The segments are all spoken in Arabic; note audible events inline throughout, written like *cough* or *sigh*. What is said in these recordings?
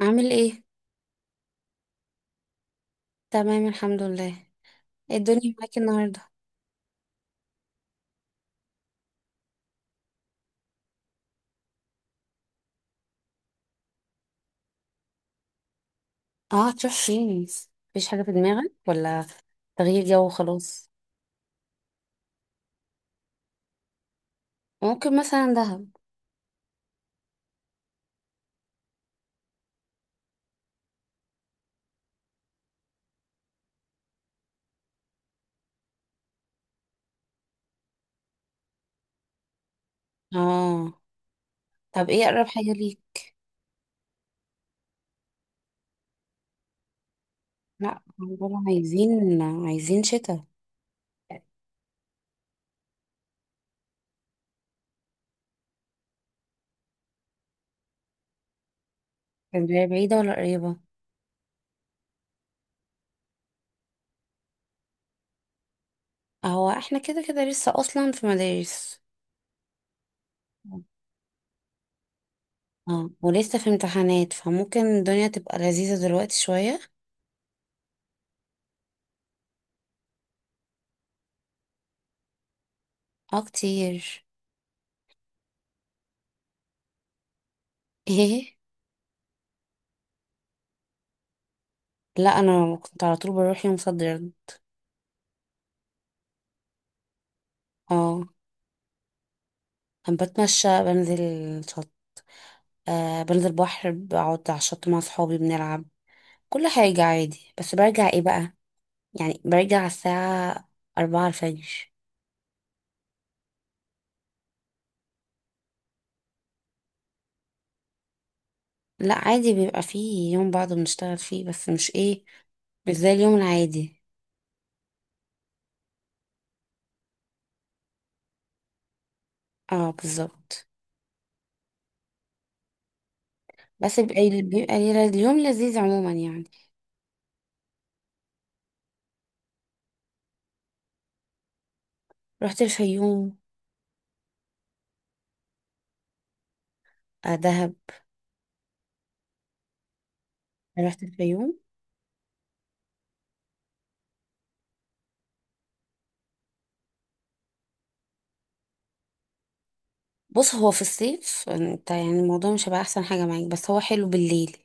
عامل ايه؟ تمام الحمد لله. ايه الدنيا معاك النهارده؟ اه، هتروح فين؟ مفيش حاجه في دماغك ولا تغيير جو وخلاص؟ ممكن مثلا دهب. اه، طب ايه اقرب حاجه ليك؟ لا، دول عايزين شتاء. اسكندريه بعيده ولا قريبه؟ هو احنا كده كده لسه اصلا في مدارس. اه، ولسه في امتحانات، فممكن الدنيا تبقى لذيذه دلوقتي شويه. اه كتير. *laughs* ايه؟ لا، انا كنت على طول بروح يوم صد رد. اه، أنا بتمشى، بنزل شط. آه، بنزل بحر، بقعد على الشط مع صحابي، بنلعب. كل حاجة عادي، بس برجع ايه بقى؟ يعني برجع على الساعة أربعة الفجر. لا عادي، بيبقى فيه يوم بعض بنشتغل فيه، بس مش ايه، مش زي اليوم العادي. اه بالظبط. بس اليوم لذيذ عموما يعني. رحت الفيوم. آه، دهب. رحت الفيوم. بص، هو في الصيف انت يعني الموضوع مش هيبقى احسن حاجة معاك، بس هو حلو بالليل.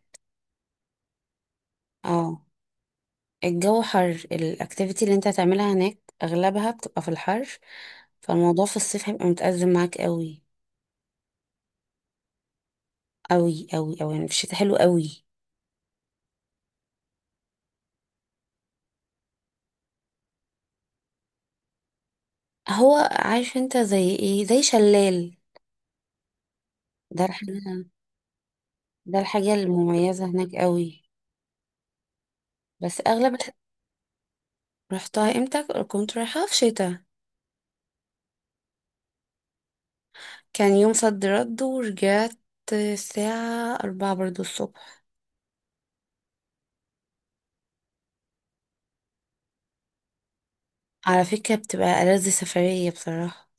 اه. الجو حر، الاكتيفيتي اللي انت هتعملها هناك اغلبها بتبقى في الحر، فالموضوع في الصيف هيبقى متأزم معاك قوي. قوي يعني في الشتاء حلو قوي. هو عارف انت زي ايه؟ زي شلال. ده الحاجة، ده الحاجة المميزة هناك قوي. بس اغلب الح- رحتها امتى؟ كنت رايحة في شتاء. كان يوم صد رد ورجعت الساعة أربعة برضو الصبح. على فكرة بتبقى ألذ سفرية بصراحة.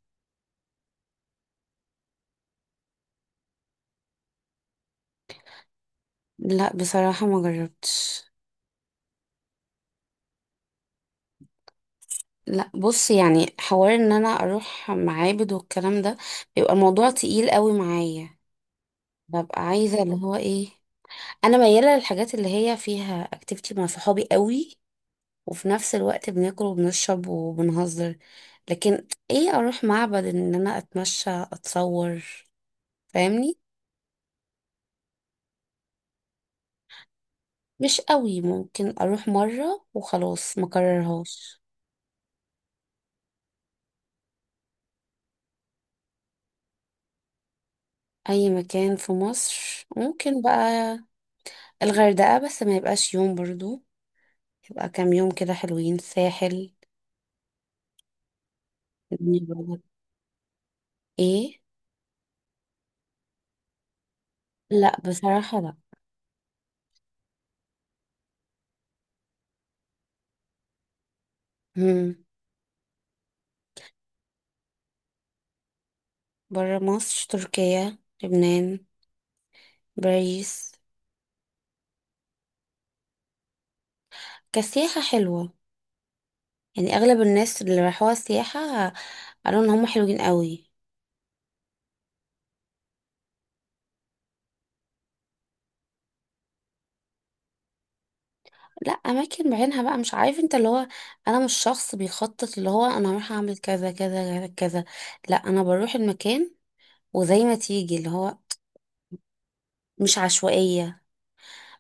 لا بصراحة ما جربتش. لا بص، يعني حوار ان انا اروح معابد والكلام ده بيبقى موضوع تقيل قوي معايا. ببقى عايزه اللي هو ايه، انا مياله للحاجات اللي هي فيها اكتيفيتي مع صحابي قوي، وفي نفس الوقت بناكل وبنشرب وبنهزر. لكن ايه، اروح معبد ان انا اتمشى اتصور؟ فاهمني؟ مش قوي، ممكن اروح مره وخلاص ما كررهاش. اي مكان في مصر ممكن بقى. الغردقه، بس ما يبقاش يوم برضو، يبقى كام يوم كده حلوين. ساحل. الدنيا بره. ايه؟ لا بصراحة، لا. مم. بره مصر تركيا، لبنان، باريس. كسياحة حلوة، يعني اغلب الناس اللي راحوها سياحة قالوا ان هم حلوين قوي. لا اماكن بعينها بقى مش عارف، انت اللي هو، انا مش شخص بيخطط اللي هو انا هروح اعمل كذا كذا كذا كذا. لا انا بروح المكان وزي ما تيجي اللي هو. مش عشوائية،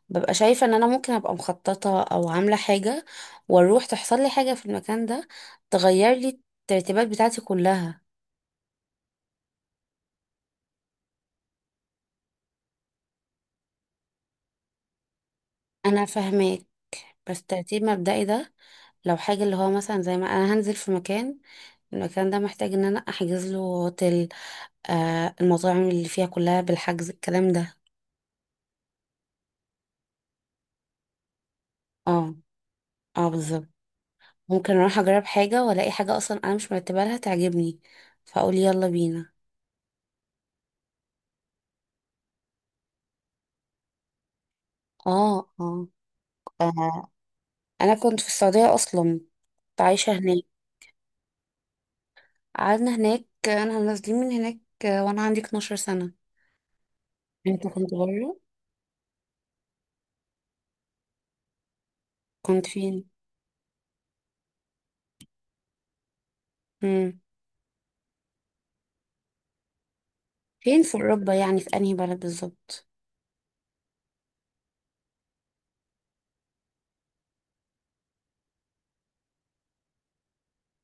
ببقى شايفة ان انا ممكن ابقى مخططة او عاملة حاجة، واروح تحصل لي حاجة في المكان ده تغير لي الترتيبات بتاعتي كلها. انا فاهماك، بس ترتيب مبدئي ده لو حاجة اللي هو مثلا زي ما انا هنزل في مكان، المكان ده محتاج ان انا احجز له هوتيل. آه، المطاعم اللي فيها كلها بالحجز الكلام ده. اه اه بالظبط. ممكن اروح اجرب حاجة والاقي حاجة اصلا انا مش مرتبة لها تعجبني، فاقول يلا بينا. اه. آه. انا كنت في السعودية اصلا، كنت عايشة هناك. قعدنا هناك، انا نازلين من هناك وانا عندي 12 سنة. انت كنت بره؟ كنت فين؟ امم، فين في اوروبا يعني، في انهي بلد بالظبط؟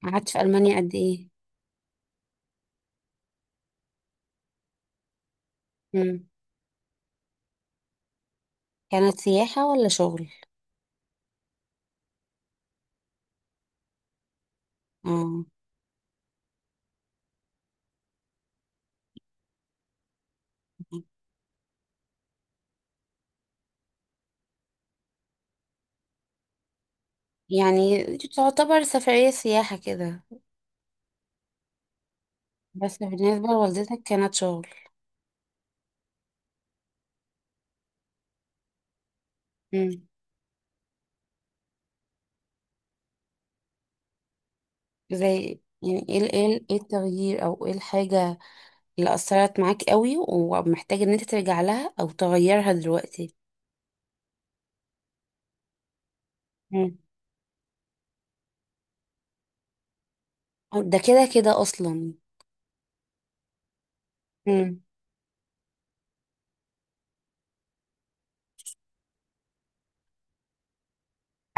قعدت في المانيا قد ايه؟ امم. كانت سياحة ولا شغل؟ اه، يعني دي تعتبر سفرية سياحة كده؟ بس بالنسبة لوالدتك كانت شغل. امم. زي يعني ايه التغيير، او ايه الحاجة اللي أثرت معاك قوي ومحتاج ان انت ترجع لها او تغيرها دلوقتي؟ ده كده كده اصلا. امم.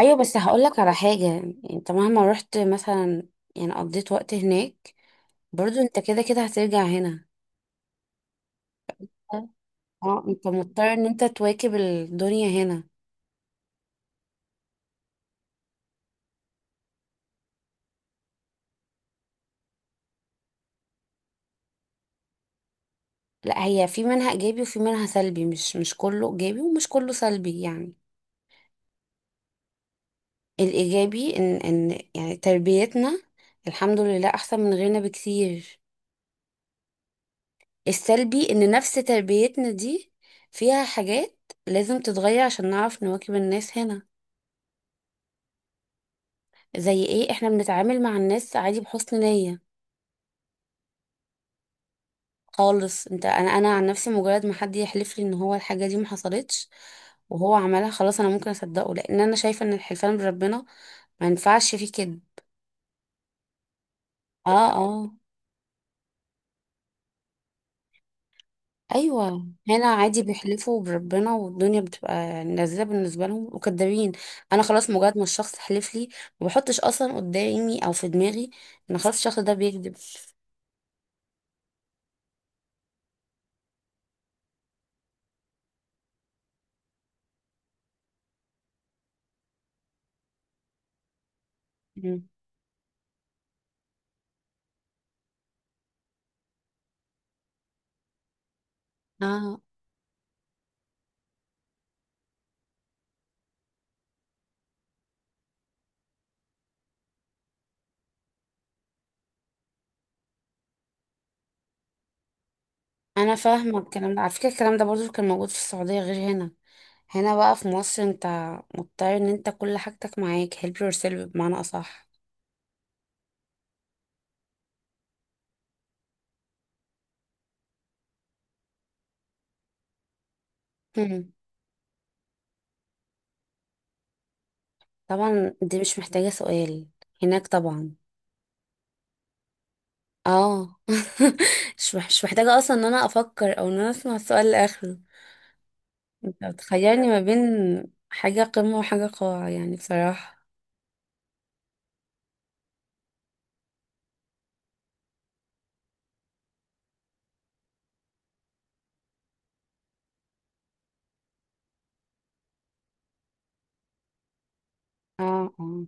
ايوه بس هقولك على حاجه، يعني انت مهما رحت مثلا، يعني قضيت وقت هناك، برضو انت كده كده هترجع هنا. اه، انت مضطر ان انت تواكب الدنيا هنا. لا هي في منها ايجابي وفي منها سلبي، مش كله ايجابي ومش كله سلبي يعني. الايجابي ان يعني تربيتنا الحمد لله احسن من غيرنا بكتير. السلبي ان نفس تربيتنا دي فيها حاجات لازم تتغير عشان نعرف نواكب الناس هنا. زي ايه؟ احنا بنتعامل مع الناس عادي بحسن نية خالص. انت انا عن نفسي، مجرد ما حد يحلف لي ان هو الحاجة دي ما حصلتش وهو عملها، خلاص انا ممكن اصدقه، لان انا شايفة ان الحلفان بربنا ما ينفعش فيه كده. اه. ايوه، هنا عادي بيحلفوا بربنا والدنيا بتبقى يعني لذيذة بالنسبة لهم، وكدابين. انا خلاص مجرد ما الشخص حلف لي، ما بحطش اصلا قدامي او في دماغي ان خلاص الشخص ده بيكذب. مم. اه، انا فاهمه الكلام ده، على فكره الكلام ده برضو كان موجود في السعوديه غير هنا. هنا بقى في مصر انت مضطر ان انت كل حاجتك معاك، help yourself بمعنى اصح. هم. طبعا دي مش محتاجه سؤال، هناك طبعا. اه. *laughs* مش محتاجه اصلا ان انا افكر او ان انا اسمع السؤال لاخره. انت بتخيرني ما بين حاجه قمه وحاجه قاع يعني بصراحه. اه.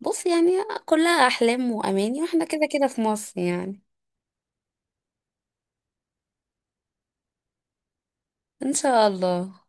بص يعني كلها احلام واماني، واحنا كده كده في مصر يعني. ان شاء الله.